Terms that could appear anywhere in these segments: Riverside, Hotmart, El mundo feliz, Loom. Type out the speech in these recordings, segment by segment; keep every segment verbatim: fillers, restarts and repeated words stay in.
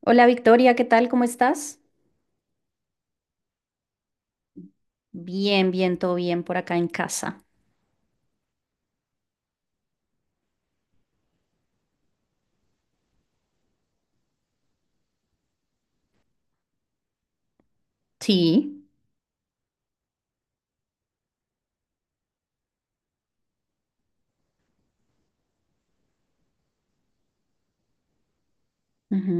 Hola Victoria, ¿qué tal? ¿Cómo estás? Bien, bien, todo bien por acá en casa. Sí, ujú,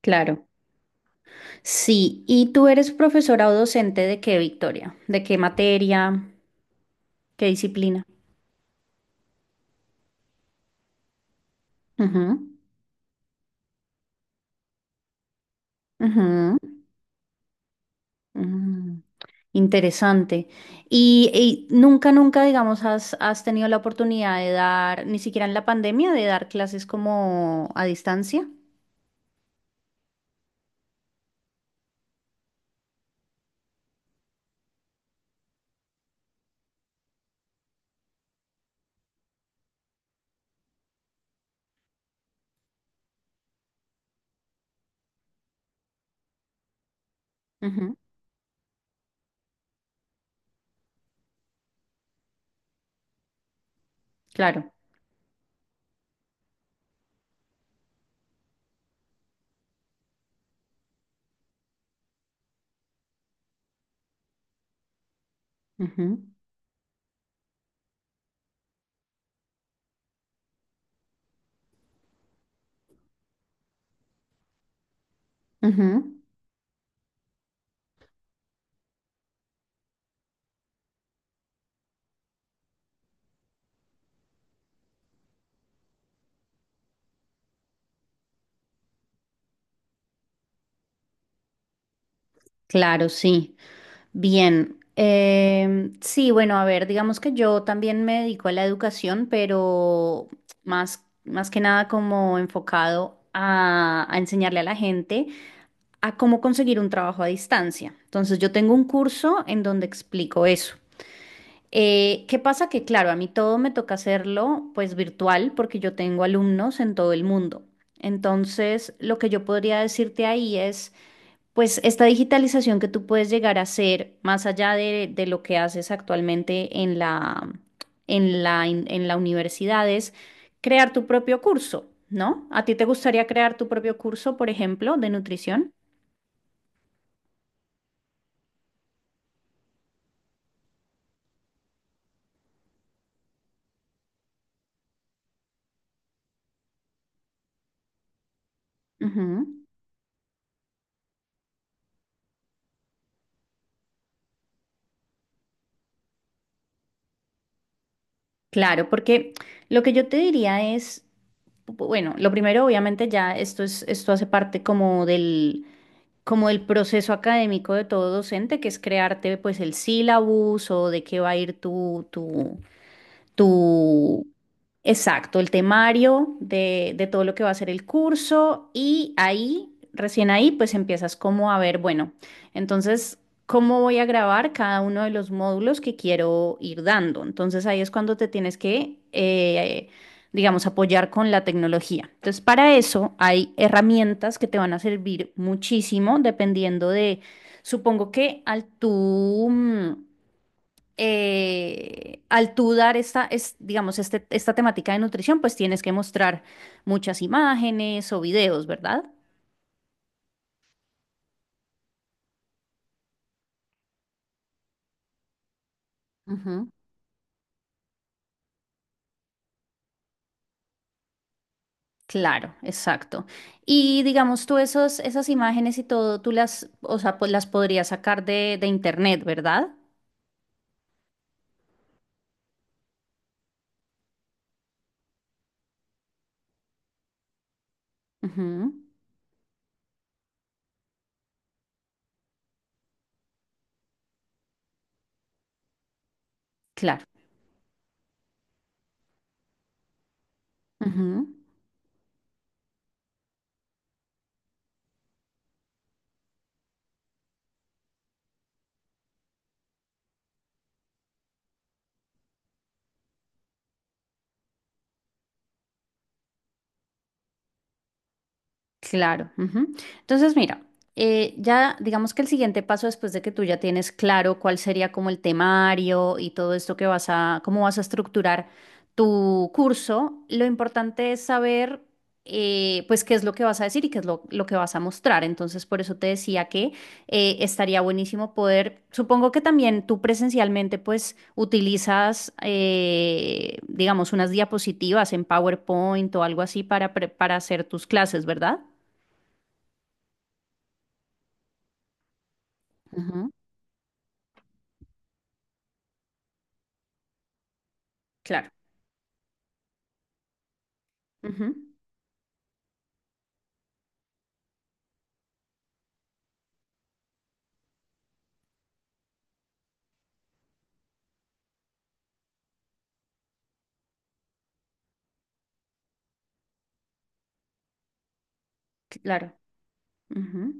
claro. Sí, ¿y tú eres profesora o docente de qué, Victoria? ¿De qué materia? ¿Qué disciplina? Ujú, ujú, mm, Interesante. Y, y nunca, nunca, digamos, has, has tenido la oportunidad de dar, ni siquiera en la pandemia, ¿de dar clases como a distancia? Ujú, claro. Ujú, ujú, claro, sí. Bien, em, sí, bueno, a ver, digamos que yo también me dedico a la educación, pero más, más que nada como enfocado a, a enseñarle a la gente a cómo conseguir un trabajo a distancia. Entonces, yo tengo un curso en donde explico eso. Eh, ¿qué pasa? Que claro, a mí todo me toca hacerlo pues virtual porque yo tengo alumnos en todo el mundo. Entonces, lo que yo podría decirte ahí es... Pues esta digitalización que tú puedes llegar a hacer, más allá de, de lo que haces actualmente en la, en la, in- en la universidad, es crear tu propio curso, ¿no? ¿A ti te gustaría crear tu propio curso, por ejemplo, de nutrición? Ujú. Claro, porque lo que yo te diría es, bueno, lo primero, obviamente, ya esto es, esto hace parte como del, como del proceso académico de todo docente, que es crearte pues el sílabus o de qué va a ir tu, tu, tu, exacto, el temario de, de todo lo que va a ser el curso y ahí, recién ahí, pues empiezas como a ver, bueno, entonces, ¿cómo voy a grabar cada uno de los módulos que quiero ir dando? Entonces ahí es cuando te tienes que, eh, digamos, apoyar con la tecnología. Entonces, para eso hay herramientas que te van a servir muchísimo dependiendo de, supongo que al tú... mm, eh, al tú dar esta, es, digamos, este, esta temática de nutrición, pues tienes que mostrar muchas imágenes o videos, ¿verdad? Ujú. Claro, exacto. Y digamos tú esos, esas imágenes y todo, tú las, o sea, pues las podrías sacar de, de internet, ¿verdad? Ujú, claro. Ujú. Claro, ujú. Entonces, mira, eh, ya digamos que el siguiente paso después de que tú ya tienes claro cuál sería como el temario y todo esto que vas a, cómo vas a estructurar tu curso, lo importante es saber eh, pues qué es lo que vas a decir y qué es lo, lo que vas a mostrar. Entonces, por eso te decía que eh, estaría buenísimo poder, supongo que también tú presencialmente pues utilizas, eh, digamos, unas diapositivas en PowerPoint o algo así para, pre- para hacer tus clases, ¿verdad? Ajá. Claro, ujú, claro, ujú.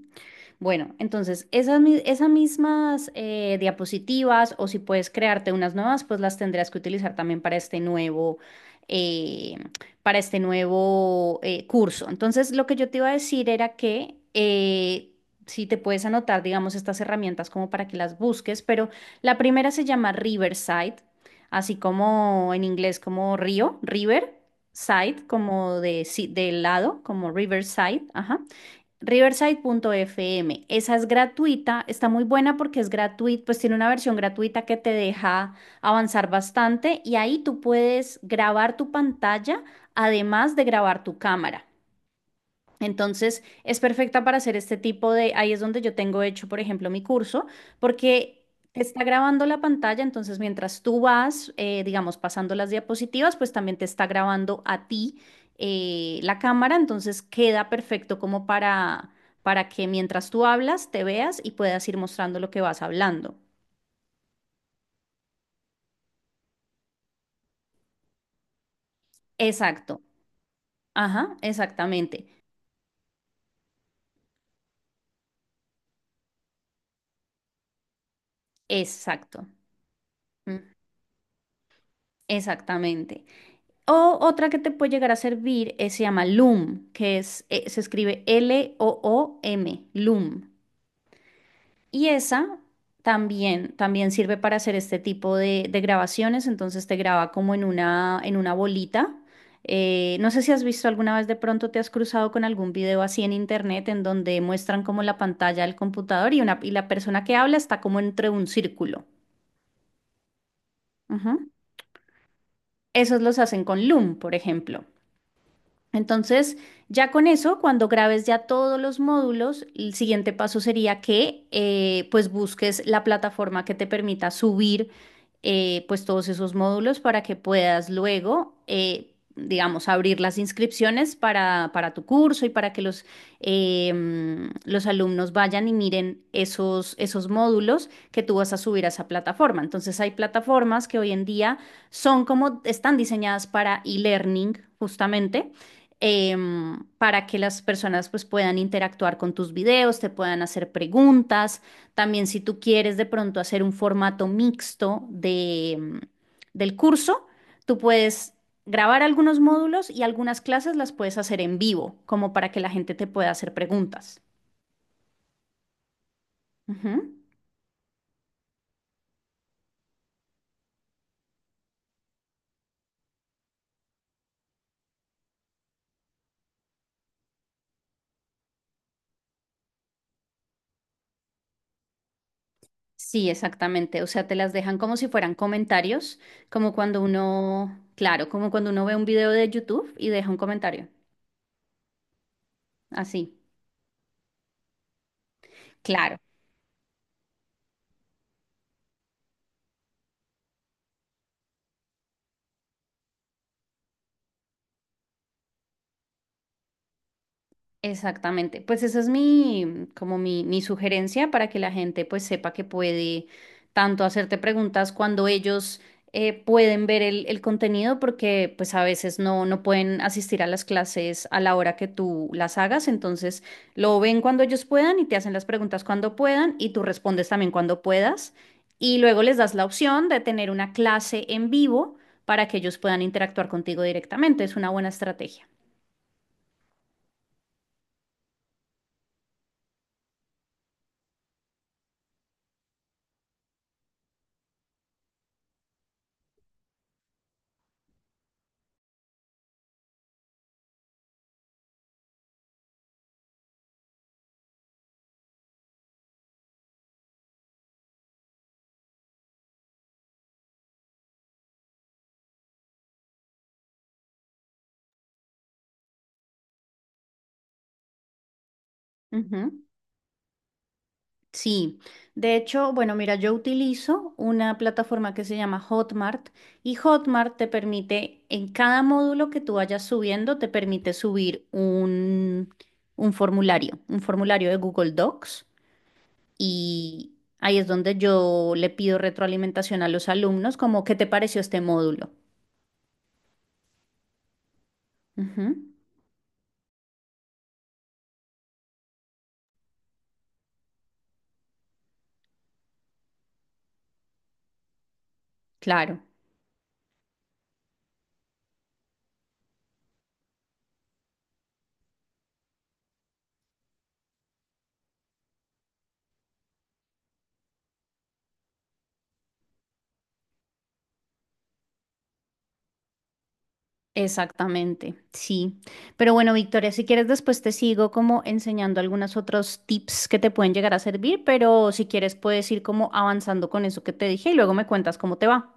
Bueno, entonces esas, mi- esas mismas eh, diapositivas o si puedes crearte unas nuevas, pues las tendrás que utilizar también para este nuevo, eh, para este nuevo eh, curso. Entonces, lo que yo te iba a decir era que eh, si te puedes anotar, digamos, estas herramientas como para que las busques, pero la primera se llama Riverside, así como en inglés como río, River. Side, como de, si- de lado, como Riverside, ajá. Riverside punto F M. Esa es gratuita, está muy buena porque es gratuita, pues tiene una versión gratuita que te deja avanzar bastante y ahí tú puedes grabar tu pantalla, además de grabar tu cámara. Entonces, es perfecta para hacer este tipo de, ahí es donde yo tengo hecho, por ejemplo, mi curso, porque te está grabando la pantalla, entonces mientras tú vas, eh, digamos, pasando las diapositivas, pues también te está grabando a ti eh, la cámara, entonces queda perfecto como para, para que mientras tú hablas, te veas y puedas ir mostrando lo que vas hablando. Exacto. Ajá, exactamente. Exacto. Mm, exactamente. O otra que te puede llegar a servir eh, se llama Loom, que es, eh, se escribe L-O-O-M, Loom. Y esa también, también sirve para hacer este tipo de, de grabaciones, entonces te graba como en una, en una bolita. Eh, no sé si has visto alguna vez de pronto te has cruzado con algún video así en internet en donde muestran como la pantalla del computador y, una, y la persona que habla está como entre un círculo. Ujú. Esos los hacen con Loom, por ejemplo. Entonces, ya con eso, cuando grabes ya todos los módulos, el siguiente paso sería que eh, pues busques la plataforma que te permita subir eh, pues todos esos módulos para que puedas luego, eh, digamos, abrir las inscripciones para, para tu curso y para que los, eh, mm, los alumnos vayan y miren esos, esos módulos que tú vas a subir a esa plataforma. Entonces, hay plataformas que hoy en día son como, están diseñadas para e-learning justamente em, para que las personas pues puedan interactuar con tus videos, te puedan hacer preguntas. También si tú quieres de pronto hacer un formato mixto de, em, del curso, tú puedes grabar algunos módulos y algunas clases las puedes hacer en vivo, como para que la gente te pueda hacer preguntas. Ujú. Sí, exactamente. O sea, te las dejan como si fueran comentarios, como cuando uno, claro, como cuando uno ve un video de YouTube y deja un comentario. Así. Claro. Exactamente, pues esa es mi, como mi, mi sugerencia para que la gente pues sepa que puede tanto hacerte preguntas cuando ellos eh, pueden ver el, el contenido porque pues a veces no, no pueden asistir a las clases a la hora que tú las hagas, entonces lo ven cuando ellos puedan y te hacen las preguntas cuando puedan y tú respondes también cuando puedas y luego les das la opción de tener una clase en vivo para que ellos puedan interactuar contigo directamente, es una buena estrategia. Ujú. Sí, de hecho, bueno, mira, yo utilizo una plataforma que se llama Hotmart y Hotmart te permite, en cada módulo que tú vayas subiendo, te permite subir un, un formulario, un formulario de Google Docs y ahí es donde yo le pido retroalimentación a los alumnos, como, ¿qué te pareció este módulo? Ujú, claro. Exactamente, sí. Pero bueno, Victoria, si quieres después te sigo como enseñando algunos otros tips que te pueden llegar a servir, pero si quieres puedes ir como avanzando con eso que te dije y luego me cuentas cómo te va.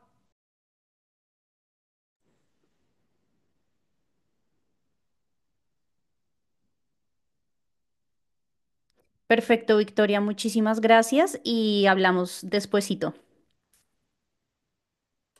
Perfecto, Victoria, muchísimas gracias y hablamos despuesito.